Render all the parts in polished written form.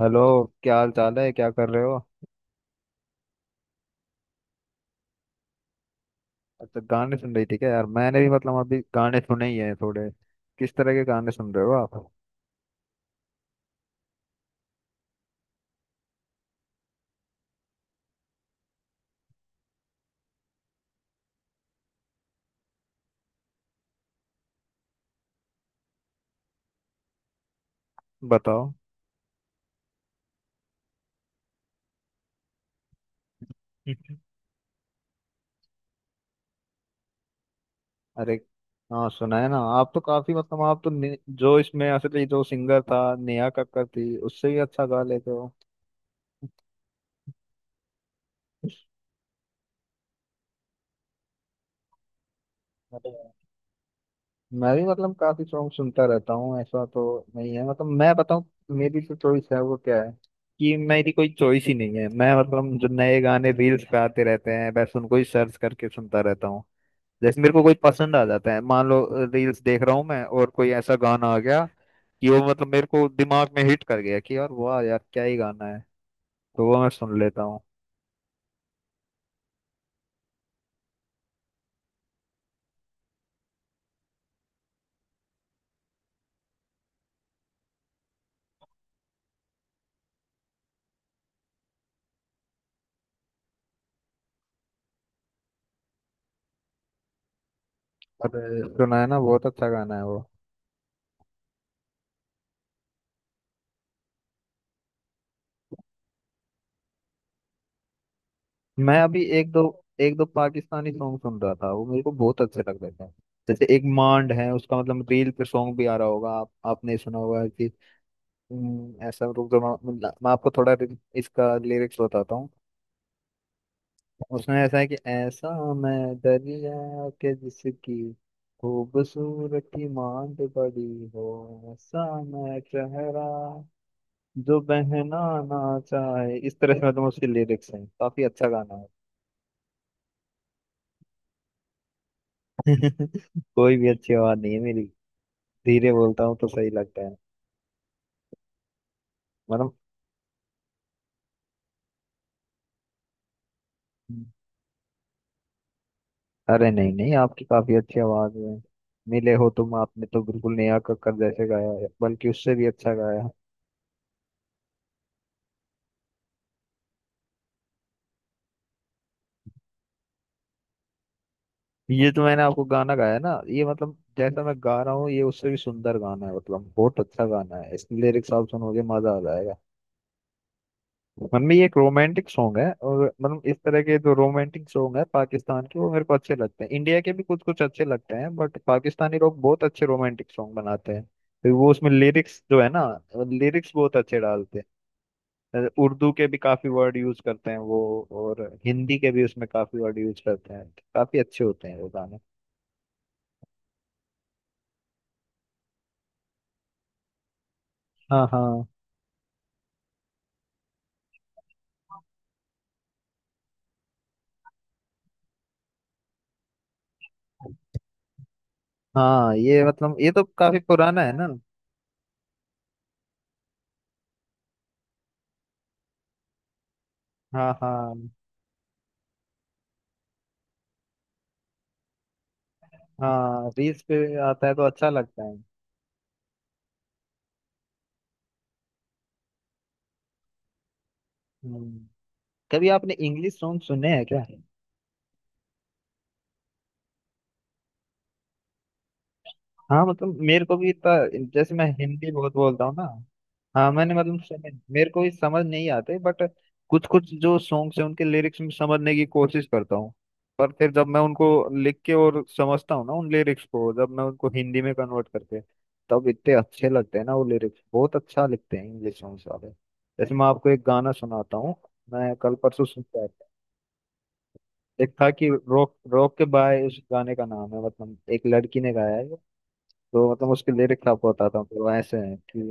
Hello. क्या हाल चाल है, क्या कर रहे हो। अच्छा, गाने सुन रही थी क्या यार। मैंने भी मतलब अभी गाने सुने ही हैं थोड़े। किस तरह के गाने सुन रहे हो आप। बताओ। हम्म। अरे हाँ, सुना है ना। आप तो काफी मतलब आप तो जो इसमें असली जो सिंगर था, नेहा कक्कड़ थी, उससे भी अच्छा गा लेते हो। अरे मैं भी मतलब काफी सॉन्ग सुनता रहता हूँ ऐसा तो नहीं है। मतलब मैं बताऊँ, मेरी जो चॉइस है वो क्या है कि मेरी कोई चॉइस ही नहीं है। मैं मतलब जो नए गाने रील्स पे आते रहते हैं बस उनको ही सर्च करके सुनता रहता हूँ। जैसे मेरे को कोई पसंद आ जाता है, मान लो रील्स देख रहा हूँ मैं और कोई ऐसा गाना आ गया कि वो मतलब मेरे को दिमाग में हिट कर गया कि यार वाह यार क्या ही गाना है, तो वो मैं सुन लेता हूँ। और सुना है ना, बहुत अच्छा गाना है वो। मैं अभी एक दो पाकिस्तानी सॉन्ग सुन रहा था, वो मेरे को बहुत अच्छे लग रहे थे। जैसे एक मांड है उसका, मतलब रील पे सॉन्ग भी आ रहा होगा, आप आपने सुना होगा कि ऐसा रुक जाओ, मैं आपको थोड़ा इसका लिरिक्स बताता हूँ। उसमें ऐसा है कि ऐसा मैं दरिया के जिसकी खूबसूरती मांड बड़ी हो, ऐसा मैं चेहरा जो बहना ना चाहे, इस तरह से मतलब उसके लिरिक्स हैं, काफी अच्छा गाना है। कोई भी अच्छी आवाज नहीं है मेरी, धीरे बोलता हूँ तो सही लगता है। मतलब अरे नहीं नहीं, आपकी काफी अच्छी आवाज है। मिले हो तुम, आपने तो बिल्कुल नेहा कक्कड़ जैसे गाया है, बल्कि उससे भी अच्छा गाया है। ये जो मैंने आपको गाना गाया ना, ये मतलब जैसा मैं गा रहा हूँ, ये उससे भी सुंदर गाना है। मतलब बहुत अच्छा गाना है, इसके लिरिक्स आप सुनोगे मजा आ जाएगा। मतलब ये एक रोमांटिक सॉन्ग है, और मतलब इस तरह के जो रोमांटिक सॉन्ग है पाकिस्तान के, वो मेरे को अच्छे लगते हैं। इंडिया के भी कुछ कुछ अच्छे लगते हैं बट पाकिस्तानी लोग बहुत अच्छे रोमांटिक सॉन्ग बनाते हैं, तो वो उसमें लिरिक्स जो है ना, लिरिक्स बहुत अच्छे डालते हैं। उर्दू के भी काफी वर्ड यूज करते हैं वो, और हिंदी के भी उसमें काफी वर्ड यूज करते हैं। काफी अच्छे होते हैं वो गाने। हाँ हाँ। हाँ ये मतलब ये तो काफी पुराना है ना। हाँ हाँ। हाँ, रील्स पे आता है तो अच्छा लगता है। हम्म कभी आपने इंग्लिश सॉन्ग सुने हैं क्या। हाँ मतलब मेरे को भी इतना, जैसे मैं हिंदी बहुत बोलता हूँ ना। हाँ, मैंने मतलब सुने, मेरे को भी समझ नहीं आते बट कुछ कुछ जो सॉन्ग्स हैं उनके लिरिक्स में समझने की कोशिश करता हूँ। पर फिर जब मैं उनको लिख के और समझता हूँ ना उन लिरिक्स को, जब मैं उनको हिंदी में कन्वर्ट करके, तब इतने अच्छे लगते हैं ना। वो लिरिक्स बहुत अच्छा लिखते हैं इंग्लिश सॉन्ग्स वाले। जैसे मैं आपको एक गाना सुनाता हूँ, मैं कल परसों सुनता एक था कि रोक रोक के बाय, उस गाने का नाम है। मतलब एक लड़की ने गाया है ये। तो मतलब उसके लिरिक्स आपको बताता हूँ, तो वो ऐसे है कि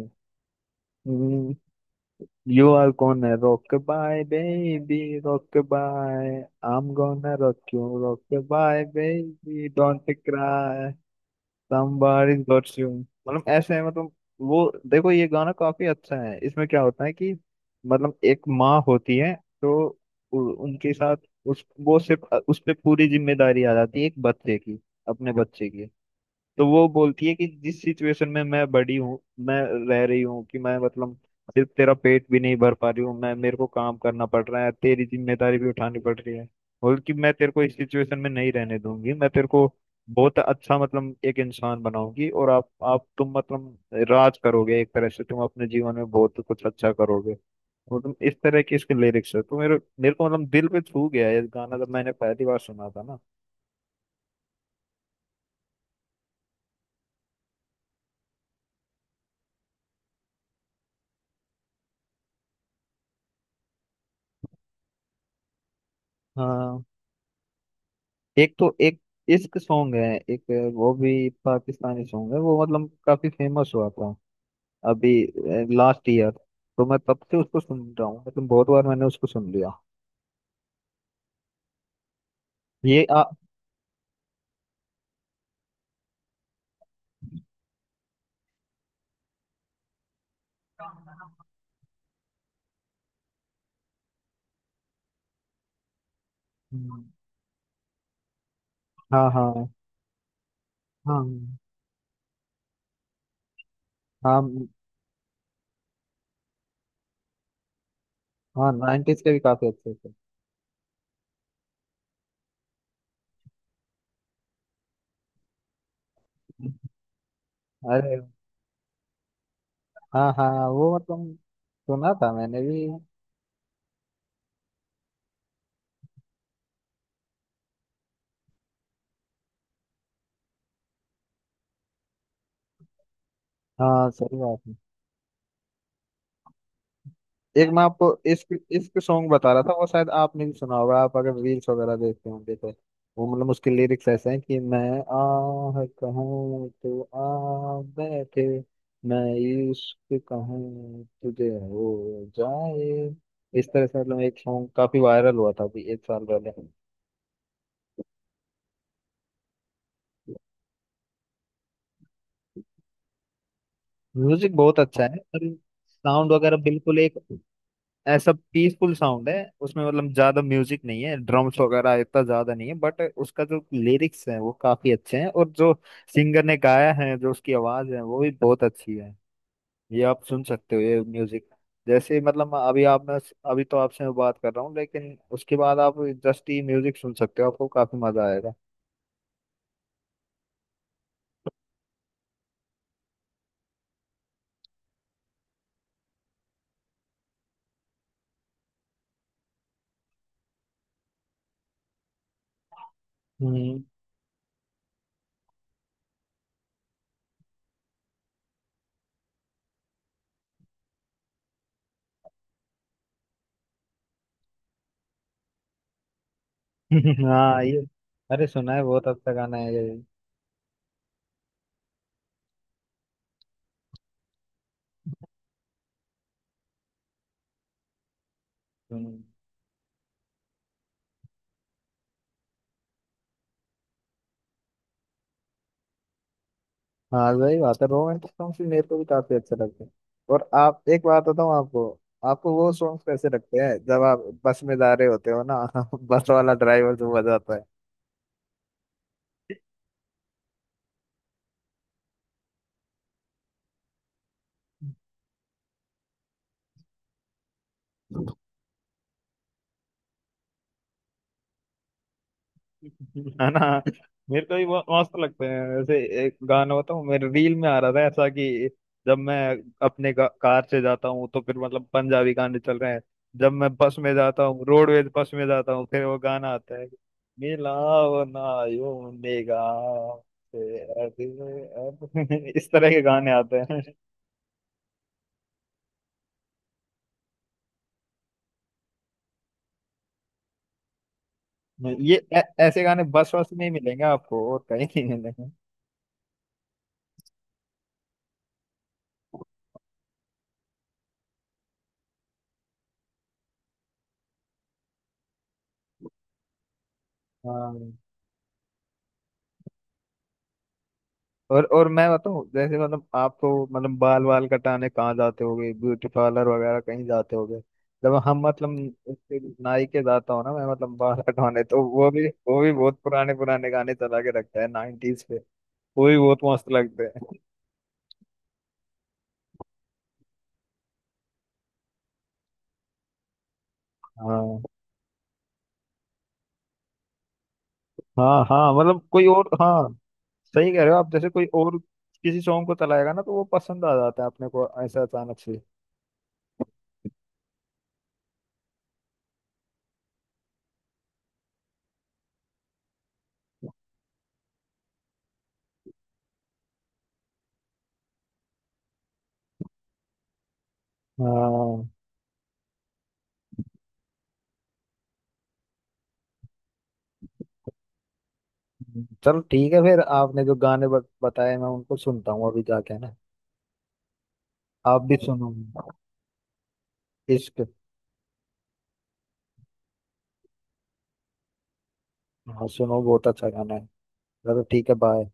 यू आर कौन है rock bye baby, rock bye, I am gonna rock you, rock bye baby don't cry, somebody's got you। मतलब ऐसे है मतलब, वो देखो ये गाना काफी अच्छा है, इसमें क्या होता है कि मतलब एक माँ होती है तो उनके साथ उस वो सिर्फ उस पे पूरी जिम्मेदारी आ जाती है एक बच्चे की, अपने बच्चे की। तो वो बोलती है कि जिस सिचुएशन में मैं बड़ी हूँ, मैं रह रही हूँ कि मैं मतलब सिर्फ तेरा पेट भी नहीं भर पा रही हूँ मैं, मेरे को काम करना पड़ रहा है, तेरी जिम्मेदारी भी उठानी पड़ रही है। बोल कि मैं तेरे को इस सिचुएशन में नहीं रहने दूंगी, मैं तेरे को बहुत अच्छा मतलब एक इंसान बनाऊंगी, और आप तुम मतलब राज करोगे एक तरह से, तुम अपने जीवन में बहुत कुछ अच्छा करोगे। मतलब इस तरह के इसके लिरिक्स है, तो मेरे मेरे को मतलब दिल पे छू गया ये गाना जब मैंने पहली बार सुना था ना। हाँ एक तो एक इश्क सॉन्ग है एक, वो भी पाकिस्तानी सॉन्ग है वो, मतलब काफी फेमस हुआ था अभी लास्ट ईयर। तो मैं तब से उसको सुन रहा हूँ, मतलब बहुत बार मैंने उसको सुन लिया। ये आ, हम्म, हाँ हाँ। हाँ हाँ। हाँ नाइनटीज के भी काफी अच्छे थे। अरे हाँ हाँ वो मतलब सुना था मैंने भी। हाँ सही बात। एक मैं आपको इश्क इश्क सॉन्ग बता रहा था, वो शायद आपने भी सुना होगा, आप अगर रील्स वगैरह देखते होंगे तो। वो मतलब उसके लिरिक्स ऐसे हैं कि मैं आह कहूँ तो आ बैठे, मैं इश्क कहूँ तुझे हो जाए, इस तरह से। मतलब एक सॉन्ग काफी वायरल हुआ था अभी एक साल पहले। म्यूजिक बहुत अच्छा है पर साउंड वगैरह बिल्कुल एक ऐसा पीसफुल साउंड है उसमें, मतलब ज्यादा म्यूजिक नहीं है, ड्रम्स वगैरह इतना ज्यादा नहीं है बट उसका जो लिरिक्स है वो काफी अच्छे हैं, और जो सिंगर ने गाया है जो उसकी आवाज है वो भी बहुत अच्छी है। ये आप सुन सकते हो ये म्यूजिक, जैसे मतलब अभी आप, मैं अभी तो आपसे मैं बात कर रहा हूँ लेकिन उसके बाद आप जस्ट ये म्यूजिक सुन सकते हो, आपको काफी मजा आएगा। हम्म। हाँ ये अरे सुना है, बहुत अच्छा गाना है ये। हम्म, हाँ सही बात है, रोमांटिक सॉन्ग्स भी मेरे को भी काफी अच्छे लगते हैं। और आप एक बात बताऊँ आपको, आपको वो सॉन्ग्स कैसे लगते हैं जब आप बस में जा रहे होते हो ना। बस वाला ड्राइवर जो बजाता है। है ना। मेरे को भी बहुत मस्त लगते हैं वैसे। एक गाना बताऊं, मेरे रील में आ रहा था ऐसा कि जब मैं अपने कार से जाता हूँ तो फिर मतलब पंजाबी गाने चल रहे हैं, जब मैं बस में जाता हूँ, रोडवेज बस में जाता हूँ फिर वो गाना आता है, मिलाओ ना यूं निगाह से। इस तरह के गाने आते हैं। ये ऐ- ऐसे गाने बस बस में ही मिलेंगे आपको, और कहीं नहीं मिलेंगे। हाँ। और मैं बताऊं, जैसे मतलब आप तो मतलब बाल वाल कटाने कहाँ जाते होगे, ब्यूटी पार्लर वगैरह कहीं जाते होगे। जब हम मतलब उसके नाई के जाता हूँ ना मैं, मतलब बाल कटवाने, तो वो भी बहुत पुराने पुराने गाने चला के रखता है 90s पे। वो भी बहुत मस्त लगते हैं। हाँ हाँ। हाँ मतलब कोई और। हाँ सही कह रहे हो आप, जैसे कोई और किसी सॉन्ग को चलाएगा ना, तो वो पसंद आ जाता है अपने को ऐसा अचानक से। हाँ चलो ठीक है, फिर आपने जो गाने बताए मैं उनको सुनता हूँ अभी जाके, है ना। आप भी सुनो। इश्क, हाँ सुनो बहुत अच्छा गाना है। चलो ठीक है, बाय।